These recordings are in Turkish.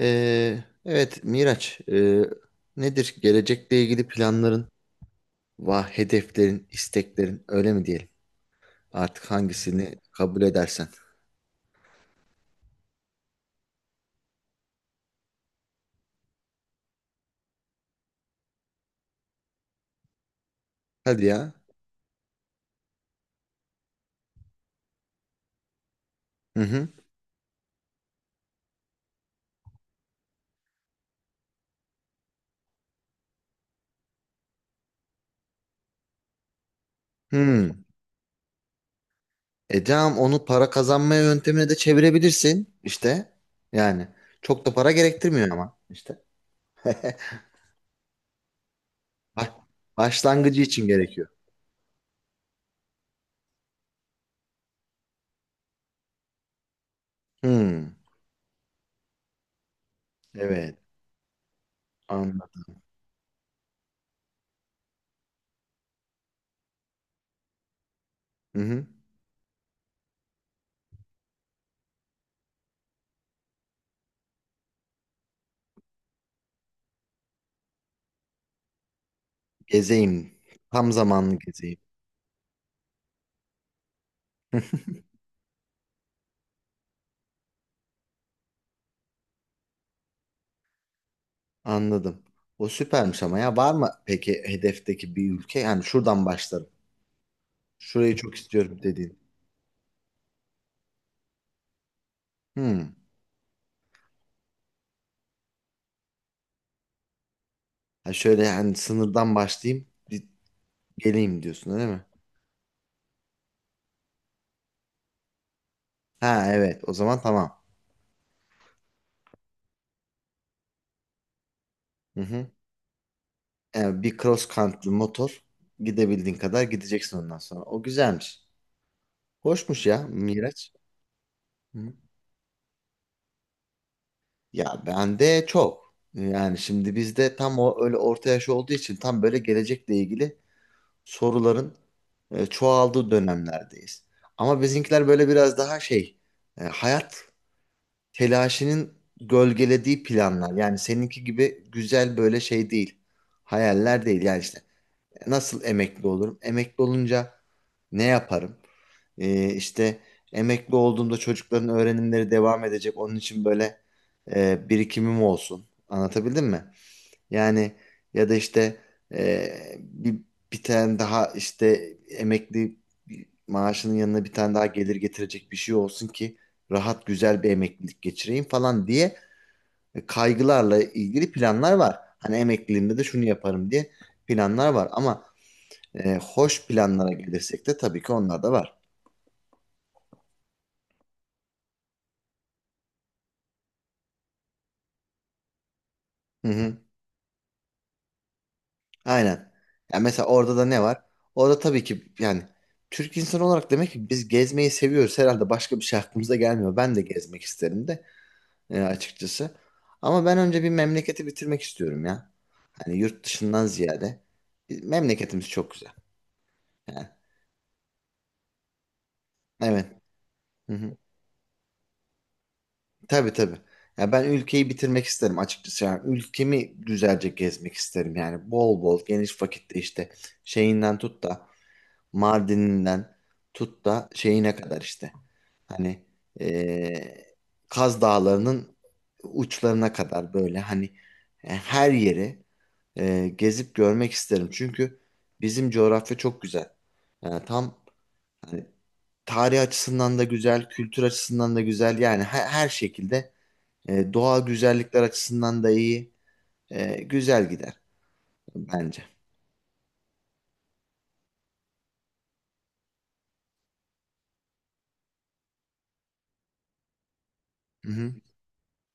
Evet Miraç, nedir gelecekle ilgili planların, va hedeflerin, isteklerin öyle mi diyelim? Artık hangisini kabul edersen. Hadi ya. Hı hı. Hmm. Tamam, onu para kazanma yöntemine de çevirebilirsin işte. Yani çok da para gerektirmiyor ama işte. Ba- Başlangıcı için gerekiyor. Hmm. Evet. Anladım. Hı hı. Gezeyim. Tam zamanlı gezeyim. Anladım. O süpermiş ama ya var mı peki hedefteki bir ülke? Yani şuradan başlarım. Şurayı çok istiyorum dediğin. Hmm. Ha, şöyle yani sınırdan başlayayım bir geleyim diyorsun öyle mi? Ha, evet, o zaman tamam. Hı hı. Yani bir cross country motor gidebildiğin kadar gideceksin ondan sonra. O güzelmiş. Hoşmuş ya Miraç. Hı hı. Ya bende çok. Yani şimdi bizde tam o öyle orta yaş olduğu için tam böyle gelecekle ilgili soruların çoğaldığı dönemlerdeyiz. Ama bizimkiler böyle biraz daha şey, hayat telaşının gölgelediği planlar. Yani seninki gibi güzel böyle şey değil. Hayaller değil. Yani işte nasıl emekli olurum? Emekli olunca ne yaparım? İşte emekli olduğumda çocukların öğrenimleri devam edecek. Onun için böyle birikimim olsun. Anlatabildim mi? Yani ya da işte e, bir, bir tane daha işte emekli maaşının yanına bir tane daha gelir getirecek bir şey olsun ki rahat güzel bir emeklilik geçireyim falan diye kaygılarla ilgili planlar var. Hani emekliliğimde de şunu yaparım diye planlar var, ama hoş planlara gelirsek de tabii ki onlar da var. Aynen. Yani mesela orada da ne var? Orada tabii ki yani Türk insanı olarak demek ki biz gezmeyi seviyoruz. Herhalde başka bir şey aklımıza gelmiyor. Ben de gezmek isterim de açıkçası. Ama ben önce bir memleketi bitirmek istiyorum ya. Hani yurt dışından ziyade. Memleketimiz çok güzel. Yani, evet. Hı hı. Tabii tabii. Ya ben ülkeyi bitirmek isterim açıkçası. Yani ülkemi güzelce gezmek isterim. Yani bol bol geniş vakitte işte şeyinden tut da Mardin'inden tut da şeyine kadar işte. Hani eee, Kaz Dağları'nın uçlarına kadar, böyle hani her yeri gezip görmek isterim. Çünkü bizim coğrafya çok güzel. Yani tam hani, tarih açısından da güzel, kültür açısından da güzel. Yani her, her şekilde doğal güzellikler açısından da iyi. Güzel gider bence. Hı hı,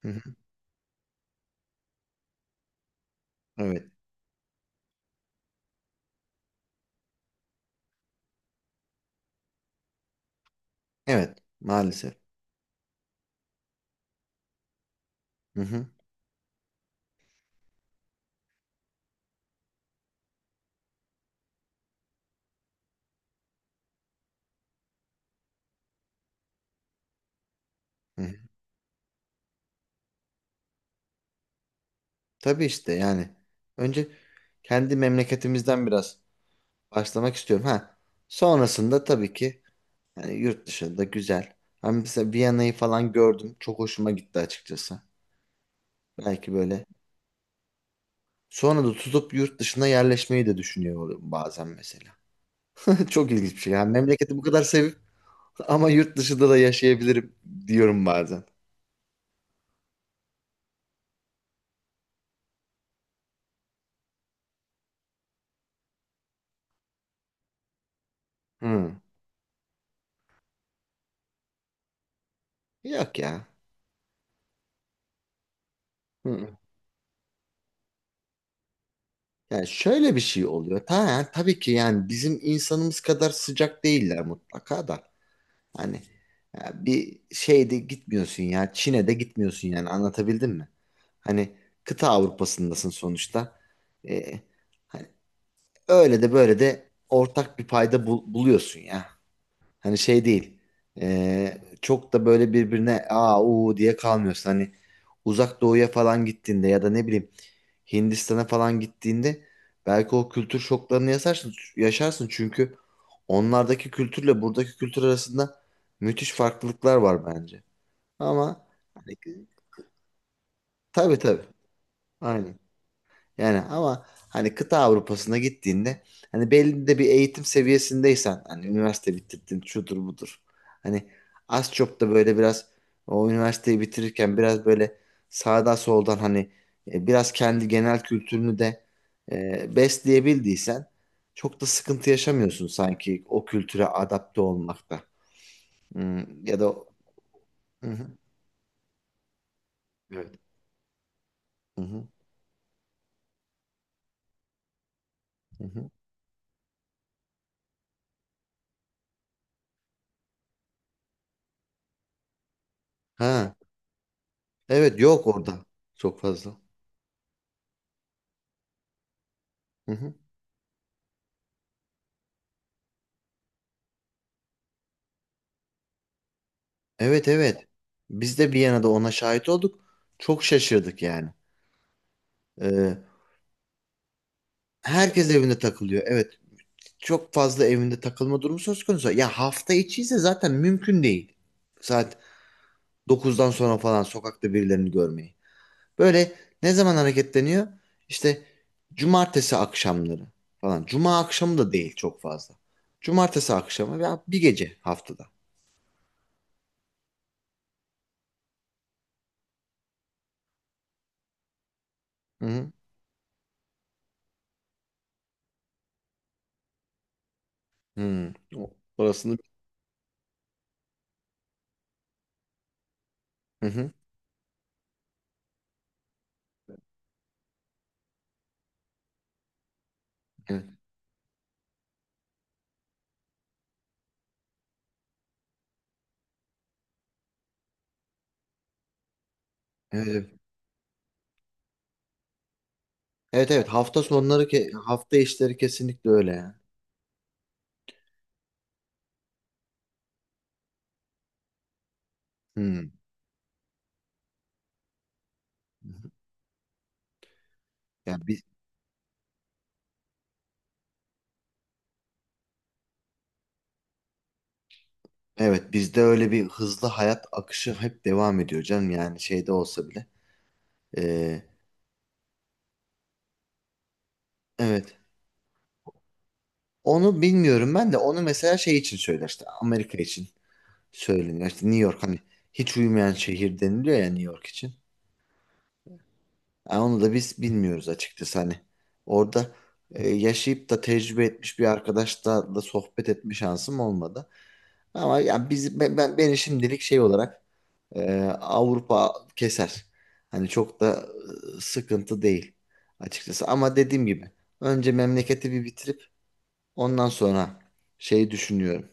hı hı. Evet. Evet. Maalesef. Hı hı. Hı. Tabii işte yani. Önce kendi memleketimizden biraz başlamak istiyorum. Ha. Sonrasında tabii ki yani yurt dışında güzel. Ben mesela Viyana'yı falan gördüm. Çok hoşuma gitti açıkçası. Belki böyle sonra da tutup yurt dışına yerleşmeyi de düşünüyor oluyorum bazen mesela. Çok ilginç bir şey. Yani memleketi bu kadar sevip ama yurt dışında da yaşayabilirim diyorum bazen. Hı. Yok ya. Hı. Yani şöyle bir şey oluyor. Tabii ki yani bizim insanımız kadar sıcak değiller mutlaka da. Hani ya bir şeyde gitmiyorsun ya. Çin'e de gitmiyorsun, yani anlatabildim mi? Hani kıta Avrupa'sındasın sonuçta. Ee, hani öyle de böyle de ortak bir payda buluyorsun ya. Hani şey değil. Çok da böyle birbirine aa uu diye kalmıyorsun. Hani uzak doğuya falan gittiğinde ya da ne bileyim Hindistan'a falan gittiğinde belki o kültür şoklarını yaşarsın, yaşarsın, çünkü onlardaki kültürle buradaki kültür arasında müthiş farklılıklar var bence. Ama hani, tabii tabii. Aynen. Yani ama hani kıta Avrupa'sına gittiğinde hani belli de bir eğitim seviyesindeysen, hani üniversite bitirdin şudur budur. Hani az çok da böyle biraz o üniversiteyi bitirirken biraz böyle sağdan soldan hani biraz kendi genel kültürünü de besleyebildiysen çok da sıkıntı yaşamıyorsun sanki o kültüre adapte olmakta. Hmm, ya da. Hı hı. Evet. Hı hı. Hı hı. Ha, evet, yok orada çok fazla. Hı hı. Evet, evet. Biz de Viyana'da ona şahit olduk. Çok şaşırdık yani. Ee, herkes evinde takılıyor. Evet. Çok fazla evinde takılma durumu söz konusu. Ya hafta içi ise zaten mümkün değil. Saat 9'dan sonra falan sokakta birilerini görmeyi. Böyle ne zaman hareketleniyor? İşte cumartesi akşamları falan. Cuma akşamı da değil çok fazla. Cumartesi akşamı veya bir gece haftada. Hı hı. Hı. Orasını. Hı hı. Evet. Evet. Evet evet, hafta sonları hafta işleri kesinlikle öyle yani. Hmm. Yani biz, evet, bizde öyle bir hızlı hayat akışı hep devam ediyor canım, yani şeyde olsa bile. Ee, evet. Onu bilmiyorum, ben de onu mesela şey için söyler işte, Amerika için söyleniyor. İşte New York hani hiç uyumayan şehir deniliyor ya New York için. Yani onu da biz bilmiyoruz açıkçası hani. Orada yaşayıp da tecrübe etmiş bir arkadaşla da sohbet etme şansım olmadı. Ama ya biz beni şimdilik şey olarak Avrupa keser. Hani çok da sıkıntı değil açıkçası. Ama dediğim gibi önce memleketi bir bitirip ondan sonra şeyi düşünüyorum.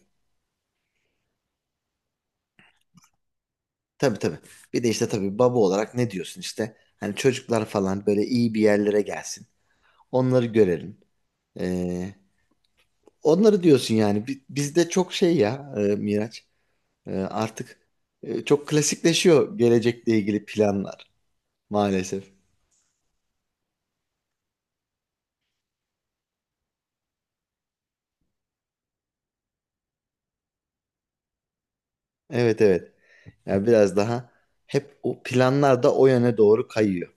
Tabii tabii. Bir de işte tabii baba olarak ne diyorsun işte. Hani çocuklar falan böyle iyi bir yerlere gelsin. Onları görelim. Ee, onları diyorsun yani. Bizde çok şey ya Miraç. Artık çok klasikleşiyor gelecekle ilgili planlar maalesef. Evet evet. Yani biraz daha hep o planlar da o yöne doğru kayıyor.